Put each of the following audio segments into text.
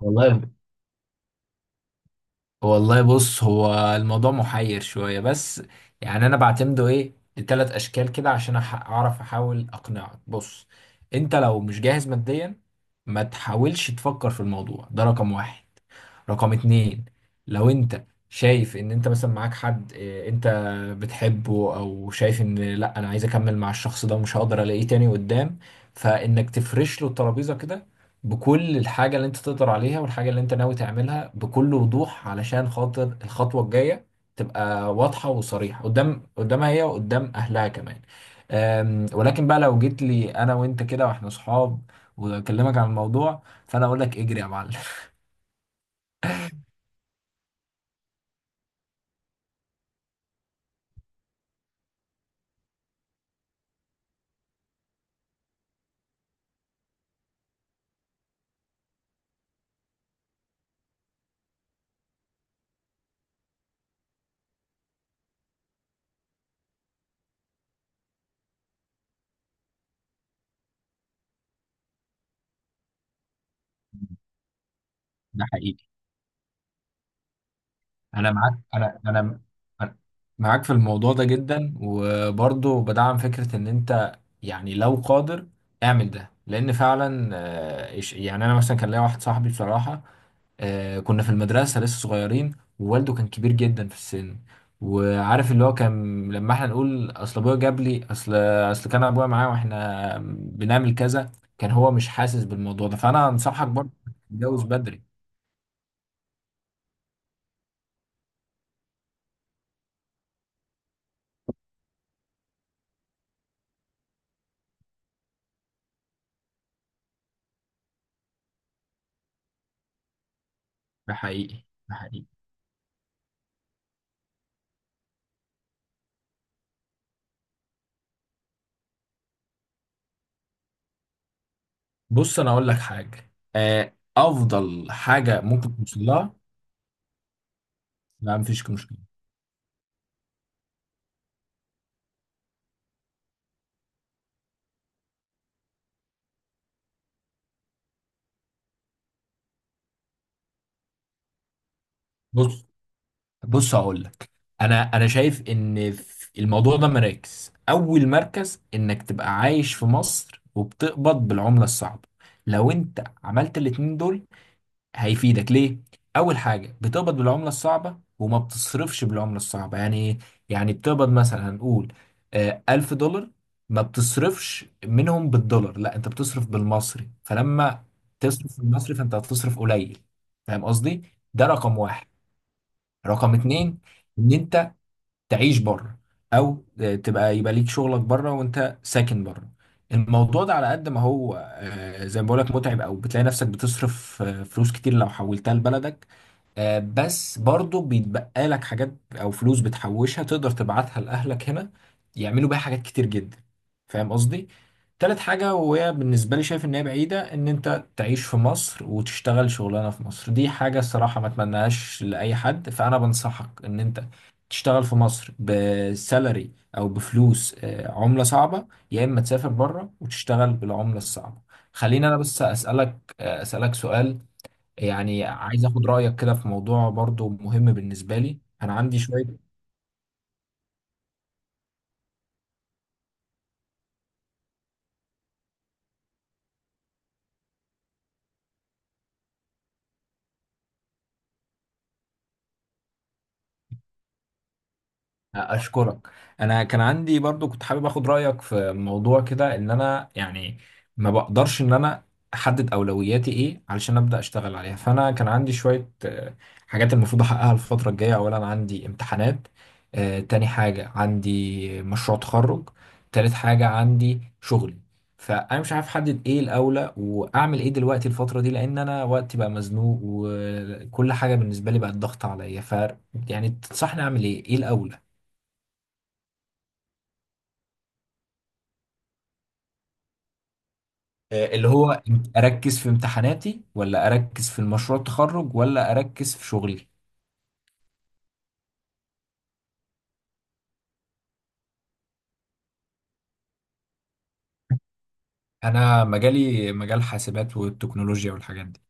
والله والله بص، هو الموضوع محير شوية. بس يعني أنا بعتمده إيه لتلات أشكال كده عشان أعرف أحاول أقنعك. بص، أنت لو مش جاهز ماديا ما تحاولش تفكر في الموضوع ده. رقم واحد. رقم اتنين، لو انت شايف ان انت مثلا معاك حد انت بتحبه او شايف ان لا انا عايز اكمل مع الشخص ده ومش هقدر الاقيه تاني قدام، فانك تفرش له الترابيزة كده بكل الحاجة اللي انت تقدر عليها والحاجة اللي انت ناوي تعملها بكل وضوح علشان خاطر الخطوة الجاية تبقى واضحة وصريحة قدامها هي وقدام اهلها كمان. ولكن بقى لو جيت لي انا وانت كده واحنا صحاب واكلمك عن الموضوع، فانا اقول لك اجري يا معلم. ده حقيقي. انا معاك. انا انا أنا معاك في الموضوع ده جدا، وبرضه بدعم فكرة ان انت يعني لو قادر اعمل ده، لان فعلا يعني انا مثلا كان ليا واحد صاحبي بصراحة. كنا في المدرسة لسه صغيرين ووالده كان كبير جدا في السن، وعارف اللي هو كان لما احنا نقول اصل ابويا جاب لي اصل كان ابويا معايا واحنا بنعمل كذا، كان هو مش حاسس بالموضوع ده. فانا انصحك برضه تتجوز بدري. ده حقيقي، ده حقيقي. بص، انا اقول لك حاجه، افضل حاجه ممكن توصل لها. لا، مفيش مشكله. بص، بص هقول لك. انا شايف ان في الموضوع ده مراكز. اول مركز انك تبقى عايش في مصر وبتقبض بالعمله الصعبه. لو انت عملت الاتنين دول هيفيدك ليه؟ أول حاجة بتقبض بالعملة الصعبة وما بتصرفش بالعملة الصعبة، يعني إيه؟ يعني بتقبض مثلا، هنقول 1000 دولار. ما بتصرفش منهم بالدولار، لا، أنت بتصرف بالمصري، فلما تصرف بالمصري فأنت هتصرف قليل، فاهم قصدي؟ ده رقم واحد. رقم اتنين، إن تعيش بره او تبقى، يبقى ليك شغلك بره وانت ساكن بره. الموضوع ده على قد ما هو زي ما بقولك متعب او بتلاقي نفسك بتصرف فلوس كتير لو حولتها لبلدك، بس برضه بيتبقى لك حاجات او فلوس بتحوشها تقدر تبعتها لاهلك هنا يعملوا بيها حاجات كتير جدا، فاهم قصدي. تالت حاجة، وهي بالنسبة لي شايف ان هي بعيدة، ان انت تعيش في مصر وتشتغل شغلانة في مصر. دي حاجة الصراحة ما اتمناهاش لأي حد. فأنا بنصحك ان انت تشتغل في مصر بسالري او بفلوس عملة صعبة، يا اما تسافر بره وتشتغل بالعملة الصعبة. خليني انا بس اسألك اسألك سؤال، يعني عايز اخد رأيك كده في موضوع برضو مهم بالنسبة لي. انا عندي شوية. اشكرك. انا كان عندي برضو كنت حابب اخد رايك في موضوع كده، ان انا يعني ما بقدرش ان انا احدد اولوياتي ايه علشان ابدا اشتغل عليها. فانا كان عندي شويه حاجات المفروض احققها الفتره الجايه. اولا عندي امتحانات. تاني حاجه عندي مشروع تخرج. تالت حاجه عندي شغلي. فانا مش عارف احدد ايه الاولى واعمل ايه دلوقتي الفتره دي، لان انا وقتي بقى مزنوق وكل حاجه بالنسبه لي بقت ضغط عليا. ف يعني تنصحني اعمل ايه، ايه الاول؟ اللي هو اركز في امتحاناتي ولا اركز في المشروع التخرج ولا اركز في شغلي؟ انا مجالي مجال حاسبات والتكنولوجيا والحاجات دي.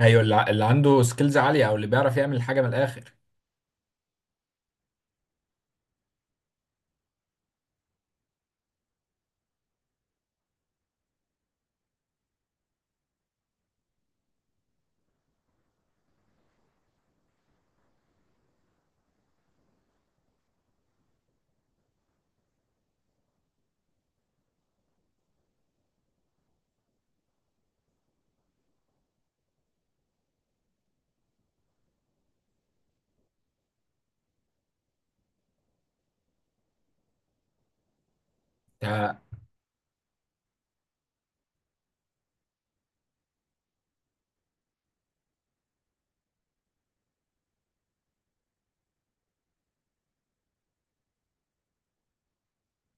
ايوه، اللي عنده سكيلز عاليه او اللي بيعرف يعمل حاجه من الاخر. آه،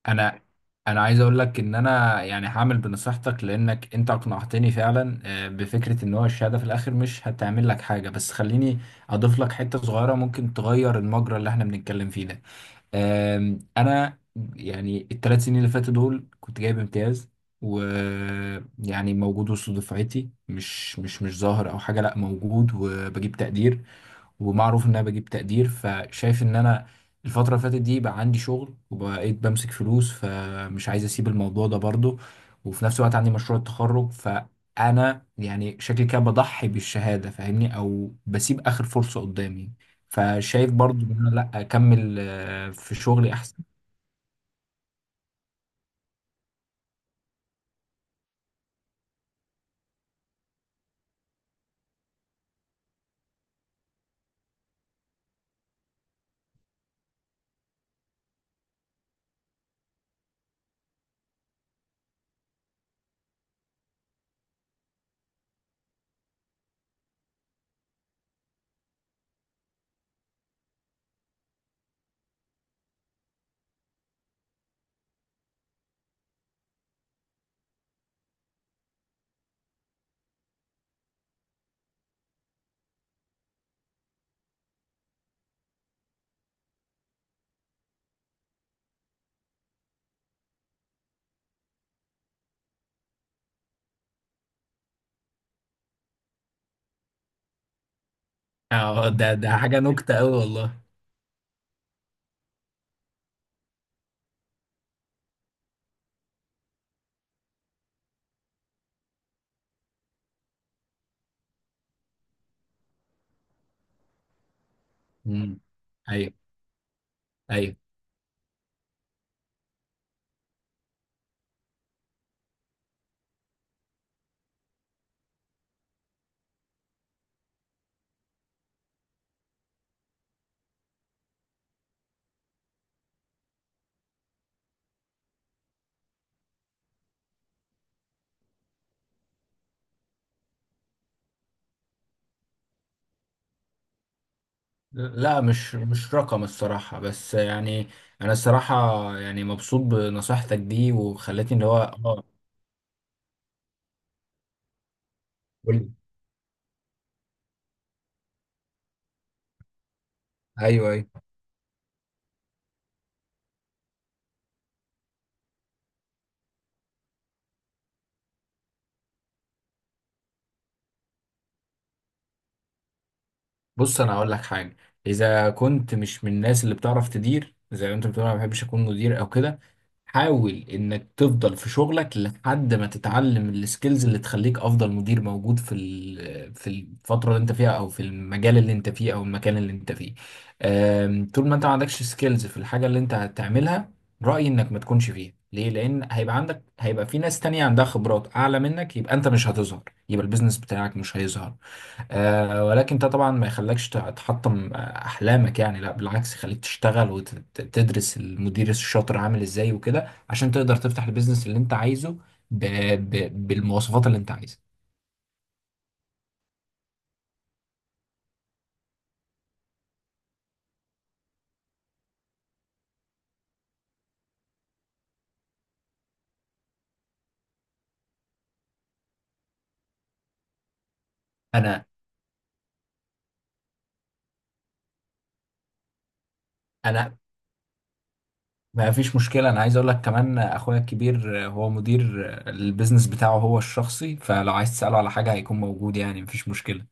انا انا عايز اقول لك ان انا يعني هعمل بنصيحتك، لانك انت اقنعتني فعلا بفكره ان هو الشهاده في الاخر مش هتعمل لك حاجه، بس خليني اضيف لك حته صغيره ممكن تغير المجرى اللي احنا بنتكلم فيه ده. انا يعني 3 سنين اللي فاتوا دول كنت جايب امتياز، ويعني موجود وسط دفعتي، مش ظاهر او حاجه، لا موجود وبجيب تقدير، ومعروف ان انا بجيب تقدير. فشايف ان انا الفترة اللي فاتت دي بقى عندي شغل وبقيت بمسك فلوس، فمش عايز اسيب الموضوع ده برضو. وفي نفس الوقت عندي مشروع التخرج، فانا يعني شكلي كده بضحي بالشهادة فاهمني، او بسيب اخر فرصة قدامي، فشايف برضو ان انا لا، اكمل في شغلي احسن. اه، ده ده حاجة نكتة قوي والله. امم. ايوه، ايوه. لا، مش رقم الصراحة، بس يعني أنا الصراحة يعني مبسوط بنصيحتك دي وخلتني اللي هو اه. قول لي. أيوه، أيوه. بص، انا هقول لك حاجه. اذا كنت مش من الناس اللي بتعرف تدير، زي ما انت بتقول انا ما بحبش اكون مدير او كده، حاول انك تفضل في شغلك لحد ما تتعلم السكيلز اللي تخليك افضل مدير موجود في في الفتره اللي انت فيها او في المجال اللي انت فيه او المكان اللي انت فيه. طول ما انت ما عندكش سكيلز في الحاجه اللي انت هتعملها، رايي انك ما تكونش فيها. ليه؟ لان هيبقى في ناس تانية عندها خبرات اعلى منك، يبقى انت مش هتظهر، يبقى البيزنس بتاعك مش هيظهر. ولكن ده طبعا ما يخليكش تحطم احلامك، يعني لا بالعكس، يخليك تشتغل وتدرس المدير الشاطر عامل ازاي وكده عشان تقدر تفتح البيزنس اللي انت عايزه ب... بالمواصفات اللي انت عايزها. انا انا ما فيش مشكله، انا عايز اقول لك كمان اخويا الكبير هو مدير البيزنس بتاعه هو الشخصي، فلو عايز تساله على حاجه هيكون موجود، يعني مفيش مشكله.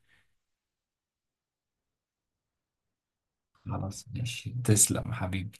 خلاص، ماشي، تسلم حبيبي.